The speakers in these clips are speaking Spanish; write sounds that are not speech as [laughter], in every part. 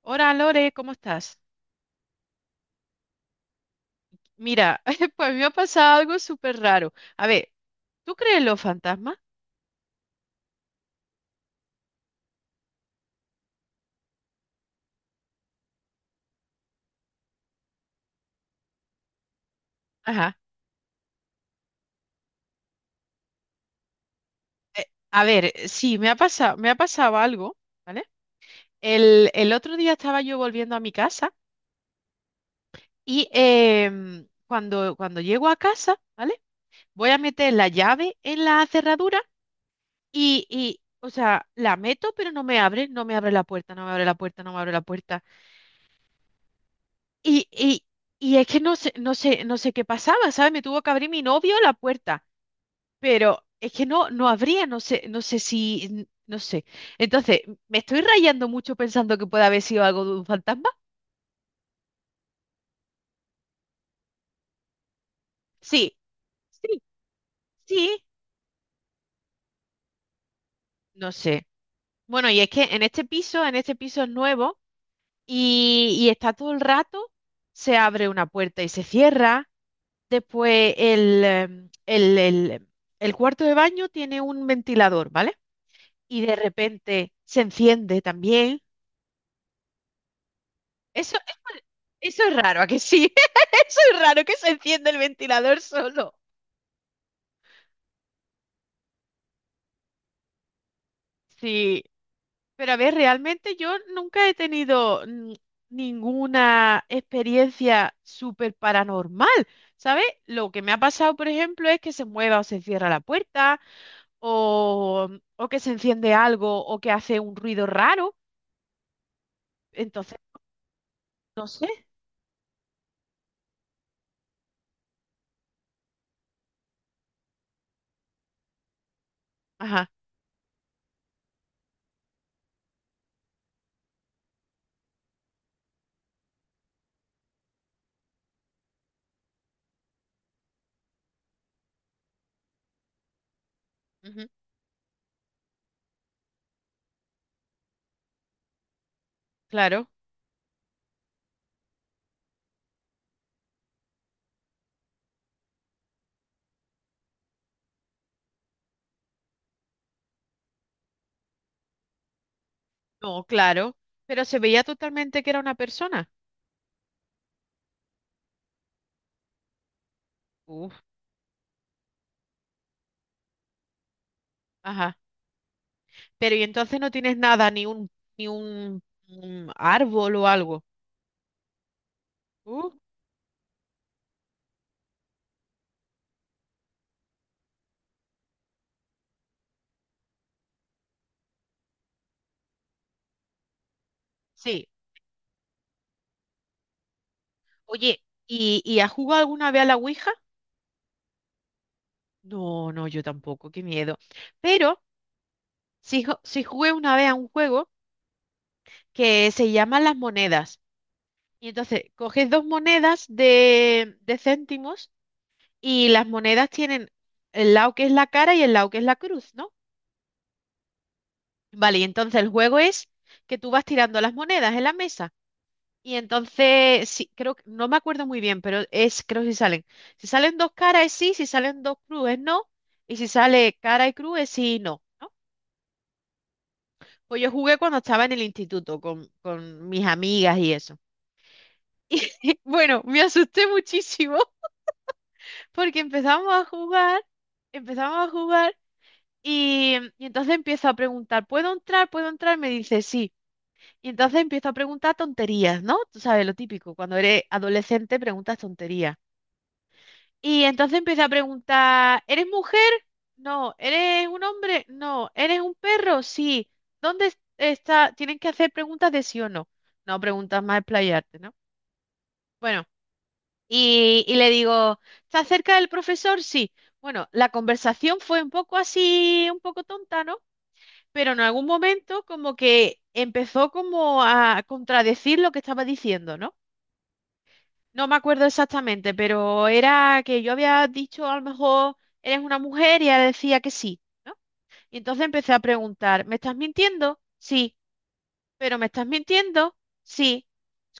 Hola Lore, ¿cómo estás? Mira, [laughs] pues me ha pasado algo súper raro. A ver, ¿tú crees en los fantasmas? Ajá. Eh, a ver, sí, me ha pasado algo, ¿vale? El otro día estaba yo volviendo a mi casa y cuando llego a casa, ¿vale? Voy a meter la llave en la cerradura o sea, la meto, pero no me abre la puerta, no me abre la puerta, no me abre la puerta. Y, y, y es que no sé qué pasaba, ¿sabes? Me tuvo que abrir mi novio la puerta. Pero es que no, no habría, no sé si, no sé. Entonces, ¿me estoy rayando mucho pensando que puede haber sido algo de un fantasma? Sí, sí, sí, no sé. Bueno, y es que en en este piso es nuevo y está todo el rato, se abre una puerta y se cierra. Después el, em, el cuarto de baño tiene un ventilador, ¿vale? Y de repente se enciende también. Eso, eso eso es raro, ¿a que sí? [laughs] Eso es raro que se encienda el ventilador solo. Sí, pero a ver, realmente yo nunca he tenido ninguna experiencia súper paranormal, ¿sabes? Lo que me ha pasado, por ejemplo, es que se mueva o se cierra la puerta, o, o que se enciende algo, o que hace un ruido raro. Entonces, no sé. Ajá, ujú, claro, no, claro. Pero se veía totalmente que era una persona. Uf, ajá. Pero y entonces no tienes nada, ni un, un árbol o algo. Uh, sí. Oye, y has jugado alguna vez a la Ouija? No, no, yo tampoco, qué miedo. Pero sí, sí jugué una vez a un juego que se llama Las Monedas. Y entonces coges dos monedas de céntimos y las monedas tienen el lado que es la cara y el lado que es la cruz, ¿no? Vale, y entonces el juego es que tú vas tirando las monedas en la mesa. Y entonces, sí, creo que, no me acuerdo muy bien, pero es, creo que si salen. Si salen dos caras es sí, si salen dos cruz es no, y si sale cara y cruz es sí y no, ¿no? Pues yo jugué cuando estaba en el instituto con mis amigas y eso. [laughs] Y bueno, me asusté muchísimo [laughs] porque empezamos a jugar y entonces empiezo a preguntar, ¿puedo entrar? ¿Puedo entrar? Me dice sí. Y entonces empiezo a preguntar tonterías, ¿no? Tú sabes lo típico, cuando eres adolescente preguntas tonterías. Y entonces empieza a preguntar, ¿eres mujer? No, ¿eres un hombre? No, ¿eres un perro? Sí. ¿Dónde está? Tienen que hacer preguntas de sí o no. No preguntas más explayarte, ¿no? Bueno, y le digo, ¿estás cerca del profesor? Sí. Bueno, la conversación fue un poco así, un poco tonta, ¿no? Pero en algún momento como que empezó como a contradecir lo que estaba diciendo, ¿no? No me acuerdo exactamente, pero era que yo había dicho a lo mejor eres una mujer y ella decía que sí, ¿no? Y entonces empecé a preguntar, ¿me estás mintiendo? Sí, pero ¿me estás mintiendo? Sí.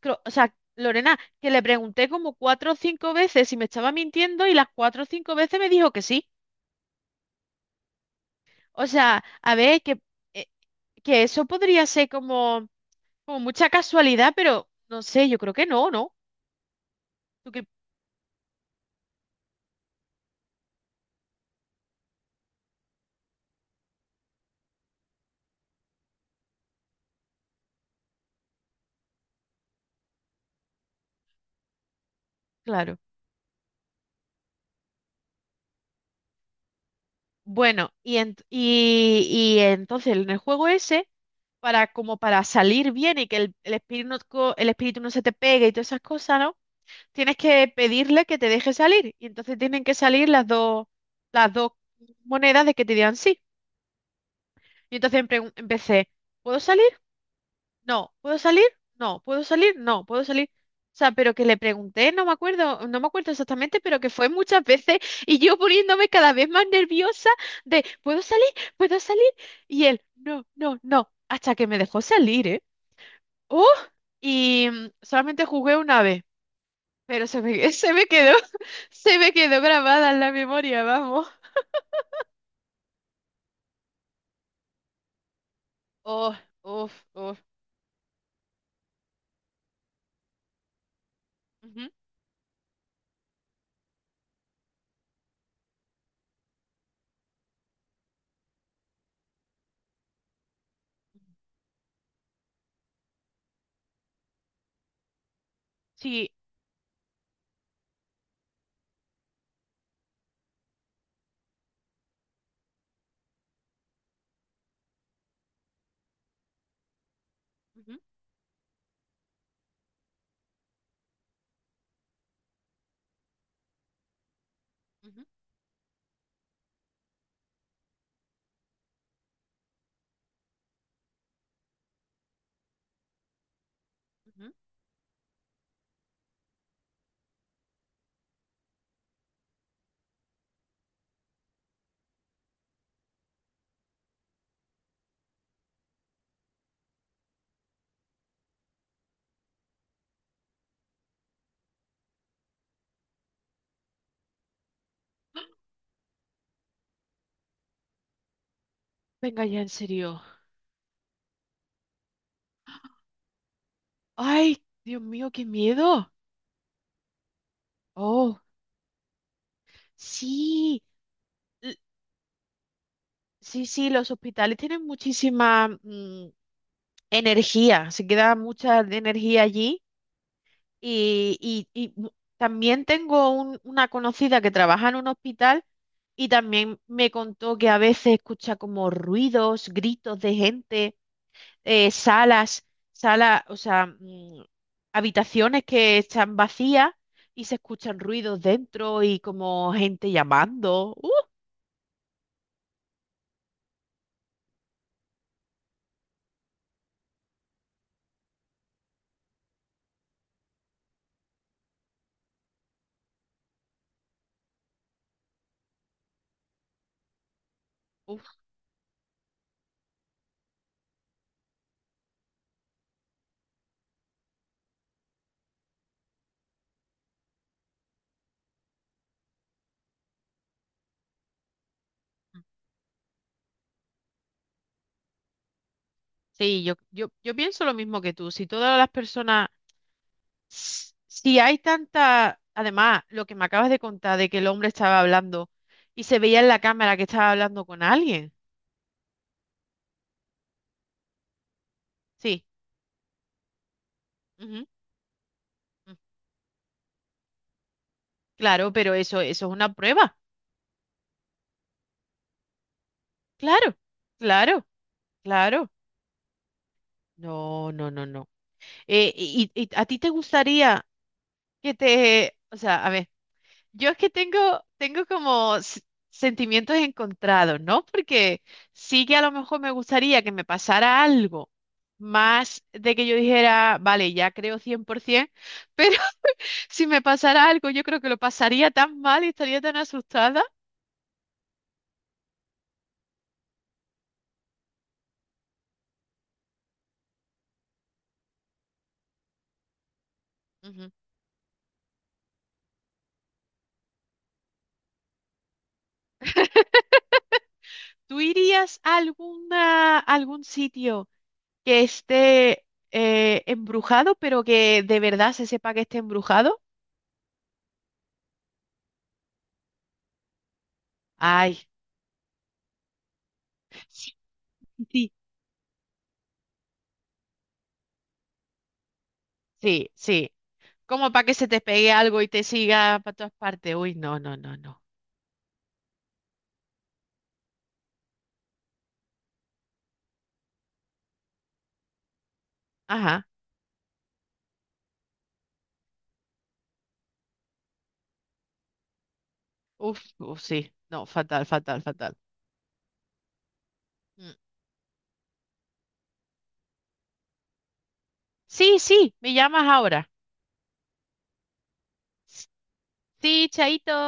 O sea, Lorena, que le pregunté como cuatro o cinco veces si me estaba mintiendo y las cuatro o cinco veces me dijo que sí. O sea, a ver, eh, que eso podría ser como, como mucha casualidad, pero no sé, yo creo que no, ¿no? Tú que, claro. Bueno, y entonces en el juego ese, para como para salir bien y que el espíritu no se te pegue y todas esas cosas, ¿no? Tienes que pedirle que te deje salir. Y entonces tienen que salir las dos monedas de que te digan sí. Y entonces empecé, ¿puedo salir? No, ¿puedo salir? No, ¿puedo salir? No, ¿puedo salir? O sea, pero que le pregunté, no me acuerdo exactamente, pero que fue muchas veces y yo poniéndome cada vez más nerviosa de, ¿puedo salir? ¿Puedo salir? Y él, no, no, no, hasta que me dejó salir, ¿eh? ¡Oh! Y solamente jugué una vez, pero [laughs] [laughs] se me quedó grabada en la memoria, vamos. Oh, oh, oh. ujú, Sí. ujú, ujú, ujú. Venga ya, en serio. Ay, Dios mío, qué miedo. Oh, sí, l- sí, sí, los hospitales tienen muchísima energía, se queda mucha de energía allí y también tengo una conocida que trabaja en un hospital y también me contó que a veces escucha como ruidos, gritos de gente, eh, salas, salas, o sea, habitaciones que están vacías y se escuchan ruidos dentro y como gente llamando. ¡Uh! Sí, yo pienso lo mismo que tú. Si todas las personas, si hay tanta, además, lo que me acabas de contar de que el hombre estaba hablando y se veía en la cámara que estaba hablando con alguien. Sí, ujú, mm, Claro, pero eso es una prueba. Claro, claro, claro. No, no, no, no. Y a ti te gustaría que te, o sea, a ver. Yo es que tengo, tengo como sentimientos encontrados, ¿no? Porque sí que a lo mejor me gustaría que me pasara algo más de que yo dijera, vale, ya creo 100%, pero [laughs] si me pasara algo, yo creo que lo pasaría tan mal y estaría tan asustada. Ujú. ¿Tú irías a alguna, algún sitio que esté embrujado, pero que de verdad se sepa que esté embrujado? Ay, sí, sí, sí. sí. Como para que se te pegue algo y te siga para todas partes. Uy, no, no, no, no. Ajá. Uf, uf, sí. No, fatal, fatal, fatal. Mm. Sí, sí, me llamas ahora. Sí, chaito.